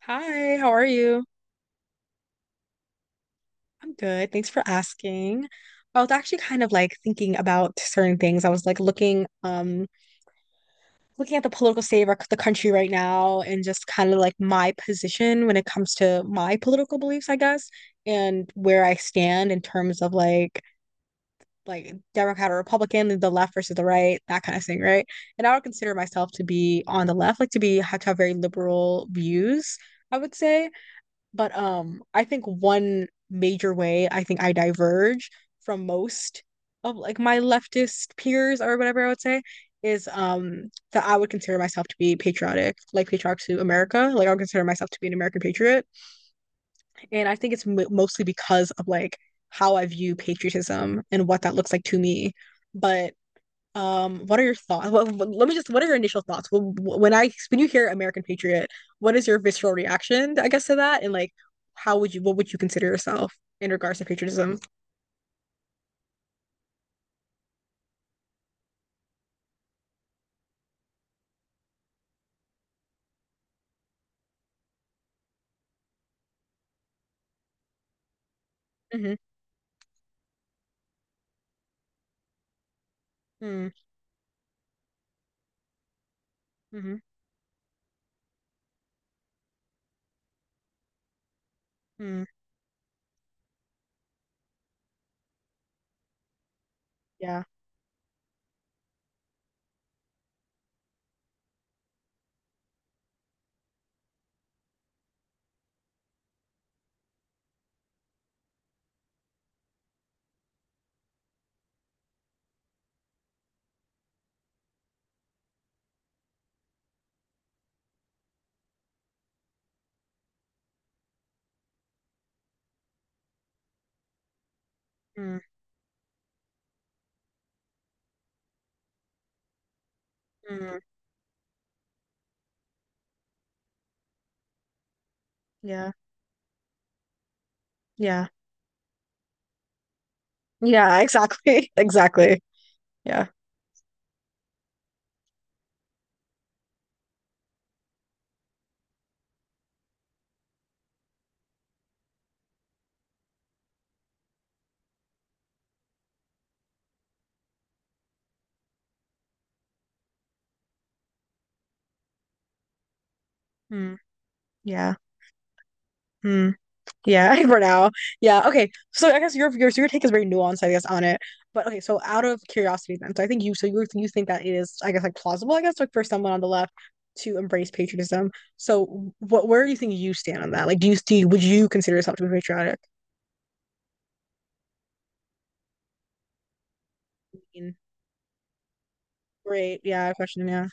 Hi, how are you? I'm good. Thanks for asking. I was actually kind of like thinking about certain things. I was like looking, looking at the political state of our, the country right now, and just kind of like my position when it comes to my political beliefs, I guess, and where I stand in terms of like Democrat or Republican, the left versus the right, that kind of thing, right? And I would consider myself to be on the left, like to be have to have very liberal views, I would say. But I think one major way I think I diverge from most of like my leftist peers or whatever I would say is that I would consider myself to be patriotic, like patriotic to America. Like I would consider myself to be an American patriot, and I think it's m mostly because of like how I view patriotism and what that looks like to me. But what are your thoughts? Let me just. What are your initial thoughts when I when you hear American Patriot? What is your visceral reaction, I guess, to that? And like, how would you? What would you consider yourself in regards to patriotism? Mm-hmm. Mm, hmm mm, yeah. Mm, mm, yeah. Yeah. Yeah. Exactly. Exactly. Yeah. Mm, yeah. Mm. Yeah, for now. Yeah. Okay. So I guess your so your take is very nuanced, I guess, on it. But okay, so out of curiosity then. So I think you so you think that it is, I guess, like plausible, I guess, like for someone on the left to embrace patriotism. So what where do you think you stand on that? Like do you see would you consider yourself to be patriotic? I mean, great. Yeah, question. Yeah.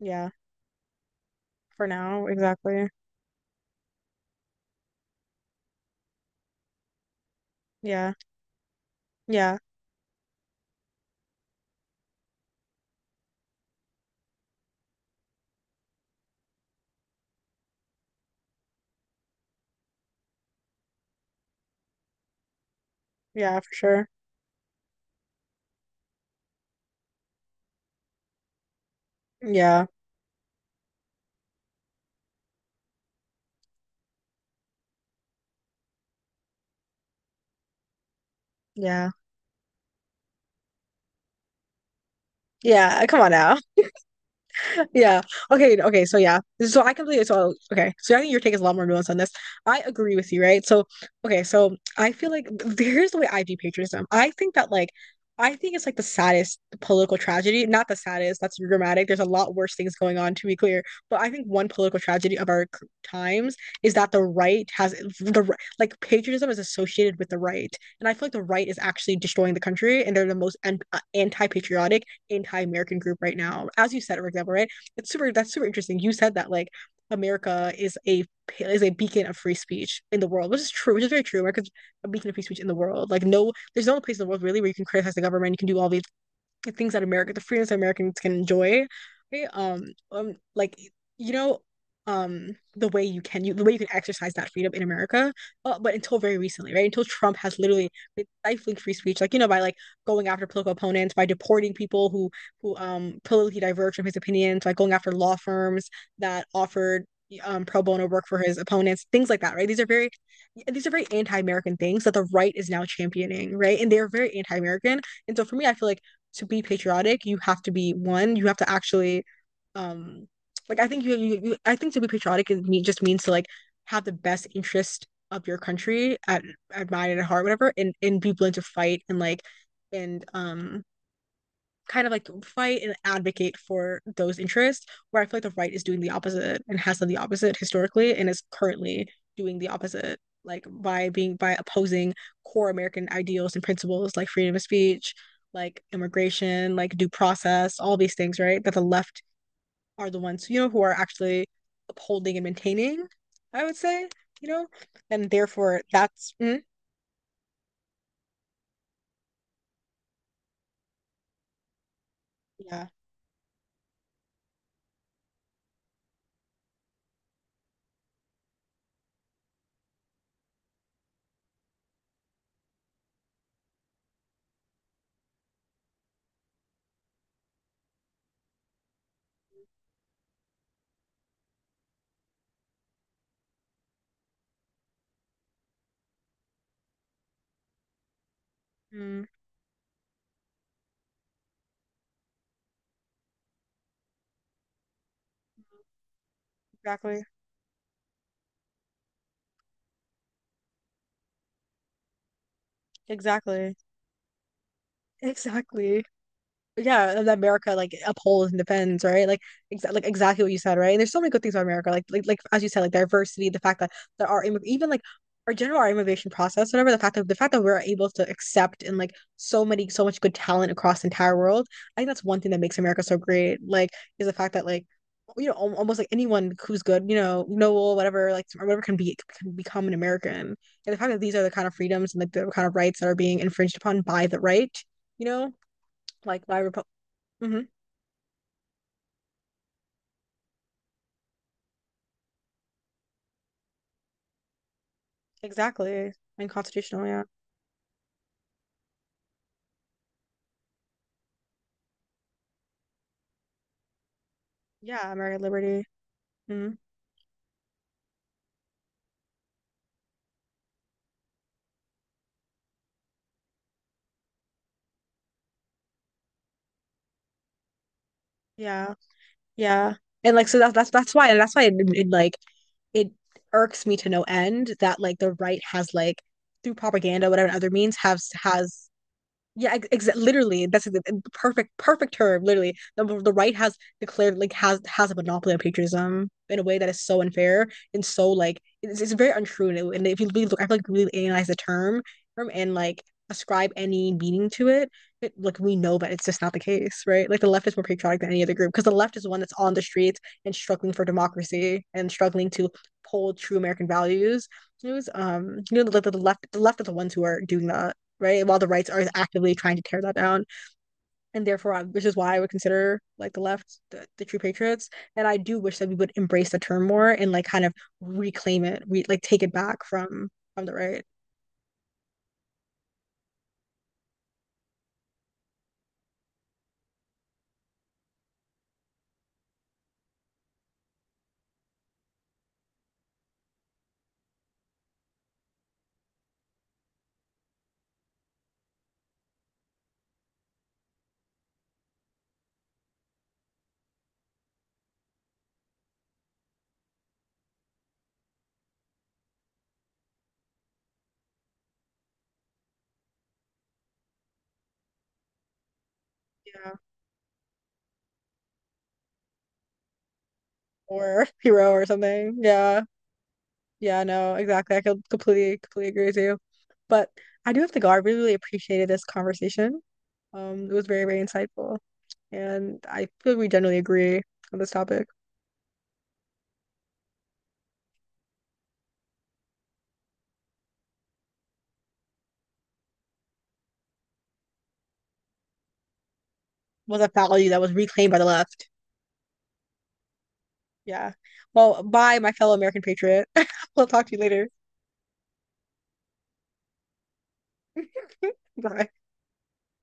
Yeah. For now, exactly. Yeah. Yeah. Yeah, for sure. Yeah. Yeah. Yeah. Come on now. Yeah. Okay. Okay. So yeah. So I completely. So okay. So I think your take is a lot more nuanced on this. I agree with you, right? So okay. So I feel like here's the way I view patriotism. I think that like, I think it's like the saddest political tragedy. Not the saddest. That's dramatic. There's a lot worse things going on. To be clear, but I think one political tragedy of our times is that the right has like patriotism is associated with the right, and I feel like the right is actually destroying the country, and they're the most anti-patriotic anti-American group right now. As you said, for example, right? it's super that's super interesting. You said that like America is a beacon of free speech in the world, which is true, which is very true. America's a beacon of free speech in the world. Like no, there's no place in the world really where you can criticize the government, you can do all these things that America, the freedoms that Americans can enjoy, right? Like you know, um, the way you can, you the way you can exercise that freedom in America, but until very recently, right? Until Trump has literally been stifling free speech, like you know, by like going after political opponents, by deporting people who politically diverge from his opinions, by going after law firms that offered pro bono work for his opponents, things like that, right? These are very anti-American things that the right is now championing, right? And they're very anti-American, and so for me I feel like to be patriotic, you have to be one, you have to actually um like I think you, you, you I think to be patriotic is me just means to like have the best interest of your country at mind and at heart, whatever, and be willing to fight and like and kind of like fight and advocate for those interests, where I feel like the right is doing the opposite and has done the opposite historically and is currently doing the opposite, like by being by opposing core American ideals and principles like freedom of speech, like immigration, like due process, all these things, right? That the left are the ones, you know, who are actually upholding and maintaining, I would say, you know, and therefore that's yeah, mm, exactly, exactly, exactly. Yeah, that America like upholds and defends, right? Like, exa like exactly what you said, right? And there's so many good things about America, like like as you said, like diversity, the fact that there are even like our immigration process, whatever. The fact that we're able to accept and like so many so much good talent across the entire world, I think that's one thing that makes America so great. Like, is the fact that like you know almost like anyone who's good, you know, noble, whatever, like or whatever can become an American. And the fact that these are the kind of freedoms and like the kind of rights that are being infringed upon by the right, you know like by hmm. Exactly. And constitutional, yeah. Yeah, American liberty. Hmm. Yeah. Yeah. And like so that's that's why and that's why it, it like it irks me to no end that like the right has like through propaganda, whatever other means has yeah, literally, that's the perfect term. Literally, the right has declared like has a monopoly on patriotism in a way that is so unfair and so like it's very untrue. And, it, and if you really look, I feel like really analyze the term and like ascribe any meaning to it, it, like we know that it's just not the case, right? Like the left is more patriotic than any other group because the left is the one that's on the streets and struggling for democracy and struggling to hold true American values. It was you know the left are the ones who are doing that, right? While the rights are actively trying to tear that down. And therefore, which is why I would consider like the left the true patriots. And I do wish that we would embrace the term more and like kind of reclaim it, like take it back from the right. Yeah. Or hero or something. Yeah. Yeah, no, exactly. I could completely, completely agree with you. But I do have to go. I really, really appreciated this conversation. It was very, very insightful. And I feel like we generally agree on this topic. Was a fallacy that was reclaimed by the left. Yeah. Well, bye, my fellow American patriot. We'll talk to you later. Bye.